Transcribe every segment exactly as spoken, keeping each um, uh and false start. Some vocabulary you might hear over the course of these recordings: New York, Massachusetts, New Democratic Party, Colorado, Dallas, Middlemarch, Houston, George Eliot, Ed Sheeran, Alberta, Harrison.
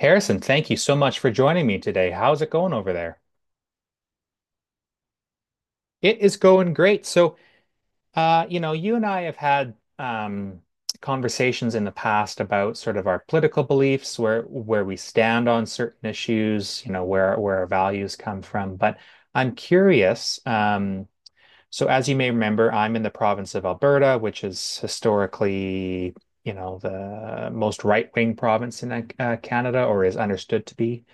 Harrison, thank you so much for joining me today. How's it going over there? It is going great. So, uh, you know, you and I have had um, conversations in the past about sort of our political beliefs, where where we stand on certain issues, you know, where where our values come from. But I'm curious. Um, so, as you may remember, I'm in the province of Alberta, which is historically, you know, the most right-wing province in uh, Canada, or is understood to be.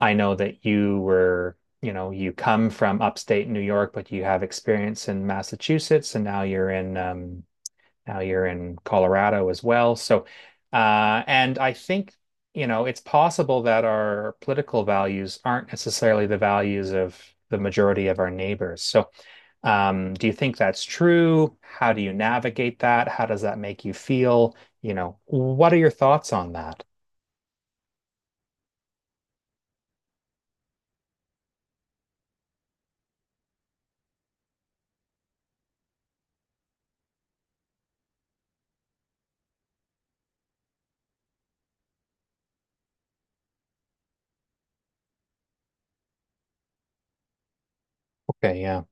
I know that you were, you know, you come from upstate New York, but you have experience in Massachusetts, and now you're in um, now you're in Colorado as well. So, uh, and I think, you know, it's possible that our political values aren't necessarily the values of the majority of our neighbors. So, um, do you think that's true? How do you navigate that? How does that make you feel? You know, what are your thoughts on that? Okay, yeah.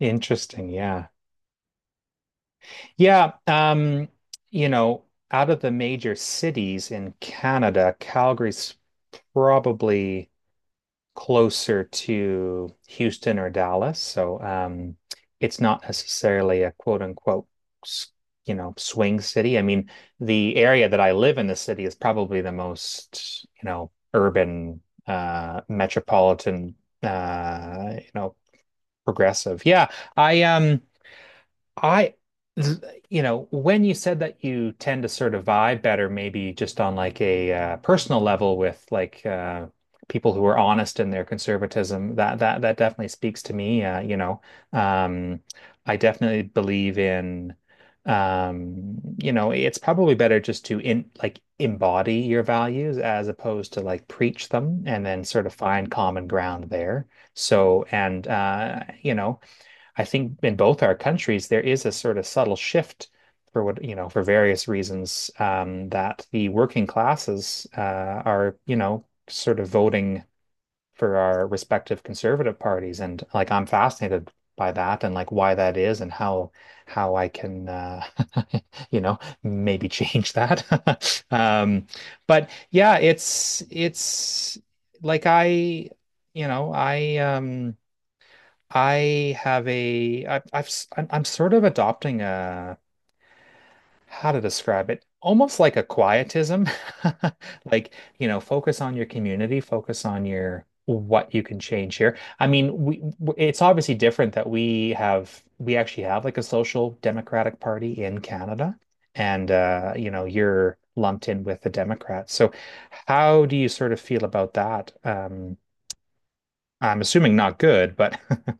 Interesting. Yeah. Yeah, um, you know, out of the major cities in Canada, Calgary's probably closer to Houston or Dallas. So um, it's not necessarily a quote unquote, s- you know, swing city. I mean, the area that I live in the city is probably the most, you know, urban, uh, metropolitan, uh, you know, progressive. Yeah, I um. I, you know, when you said that you tend to sort of vibe better, maybe just on like a uh, personal level with like uh, people who are honest in their conservatism, that that that definitely speaks to me. Uh, you know, um, I definitely believe in, um, you know, it's probably better just to in like embody your values as opposed to like preach them and then sort of find common ground there. So, and uh, you know. I think in both our countries, there is a sort of subtle shift for what, you know, for various reasons, um, that the working classes uh, are, you know, sort of voting for our respective conservative parties. And like, I'm fascinated by that and like why that is and how how I can uh, you know, maybe change that. Um, but yeah, it's it's like I, you know, I um I have a I, I've s- I'm, I'm sort of adopting a how to describe it almost like a quietism like you know, focus on your community, focus on your what you can change here. I mean we w- it's obviously different that we have we actually have like a social democratic party in Canada, and uh you know, you're lumped in with the Democrats. So how do you sort of feel about that? um I'm assuming not good, but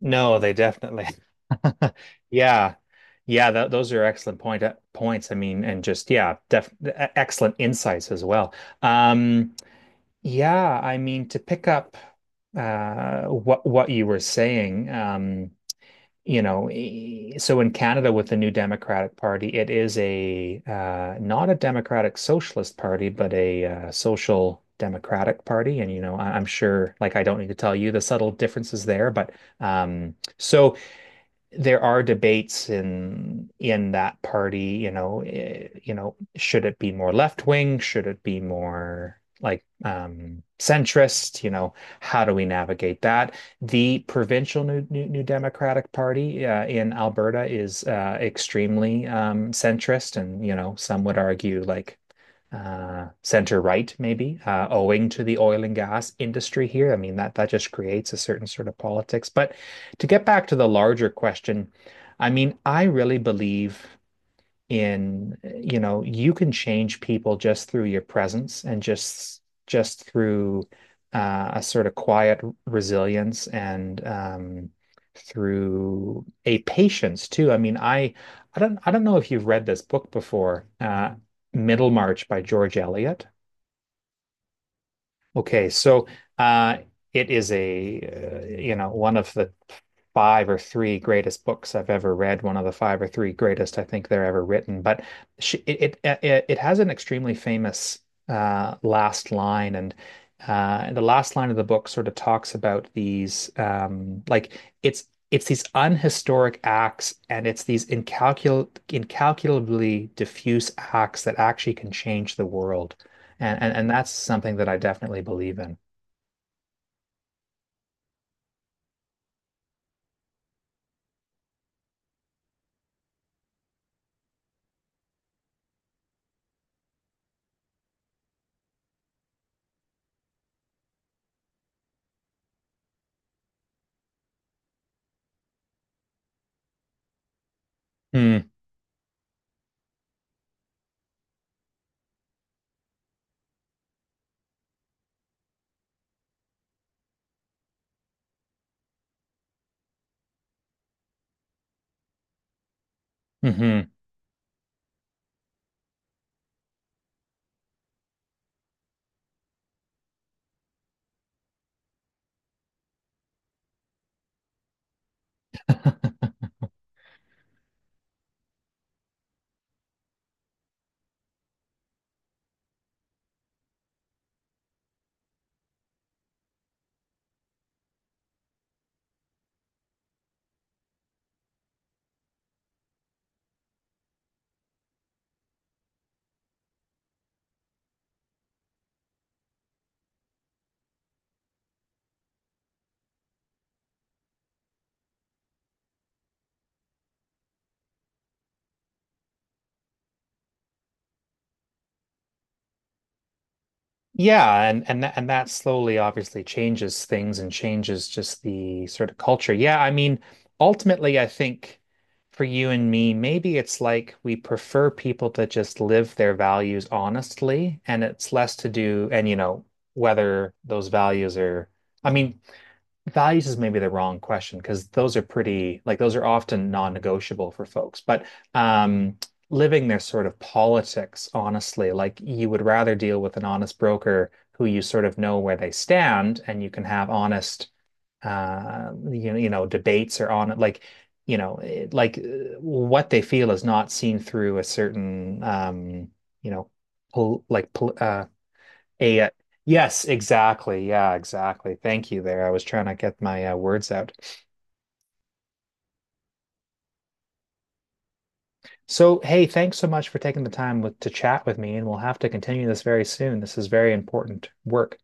No, they definitely Yeah. Yeah, tho- those are excellent point uh, points. I mean, and just yeah, def e- excellent insights as well. Um, yeah, I mean, to pick up uh what what you were saying, um, you know, e- so in Canada with the new Democratic Party, it is a uh not a democratic socialist party, but a uh, social democratic party. And you know, I I'm sure, like, I don't need to tell you the subtle differences there, but um so there are debates in in that party. You know, eh, you know, should it be more left wing? Should it be more like um, centrist? You know, how do we navigate that? The provincial New New, New Democratic Party uh, in Alberta is uh, extremely um, centrist, and you know, some would argue like uh, center right, maybe, uh, owing to the oil and gas industry here. I mean, that that just creates a certain sort of politics. But to get back to the larger question, I mean, I really believe in, you know, you can change people just through your presence and just just through uh, a sort of quiet resilience, and um, through a patience too. I mean, I I don't I don't know if you've read this book before, uh, Middlemarch by George Eliot. Okay, so uh, it is a, uh, you know, one of the five or three greatest books I've ever read, one of the five or three greatest I think they're ever written. But she, it, it uh, it it has an extremely famous uh, last line, and uh, the last line of the book sort of talks about these um, like it's it's these unhistoric acts, and it's these incalcul incalculably diffuse acts that actually can change the world, and and, and that's something that I definitely believe in. Mm, mhm. Yeah, and and and that slowly obviously changes things and changes just the sort of culture. Yeah, I mean, ultimately, I think for you and me, maybe it's like we prefer people to just live their values honestly, and it's less to do, and you know, whether those values are, I mean, values is maybe the wrong question because those are pretty, like those are often non-negotiable for folks. But um, living their sort of politics honestly, like you would rather deal with an honest broker who you sort of know where they stand, and you can have honest, uh, you, you know, debates or on like, you know, eh, like uh, what they feel is not seen through a certain, um, you know, pol like pol uh, a, yes, exactly. Yeah, exactly. Thank you there. I was trying to get my uh, words out. So, hey, thanks so much for taking the time with, to chat with me, and we'll have to continue this very soon. This is very important work.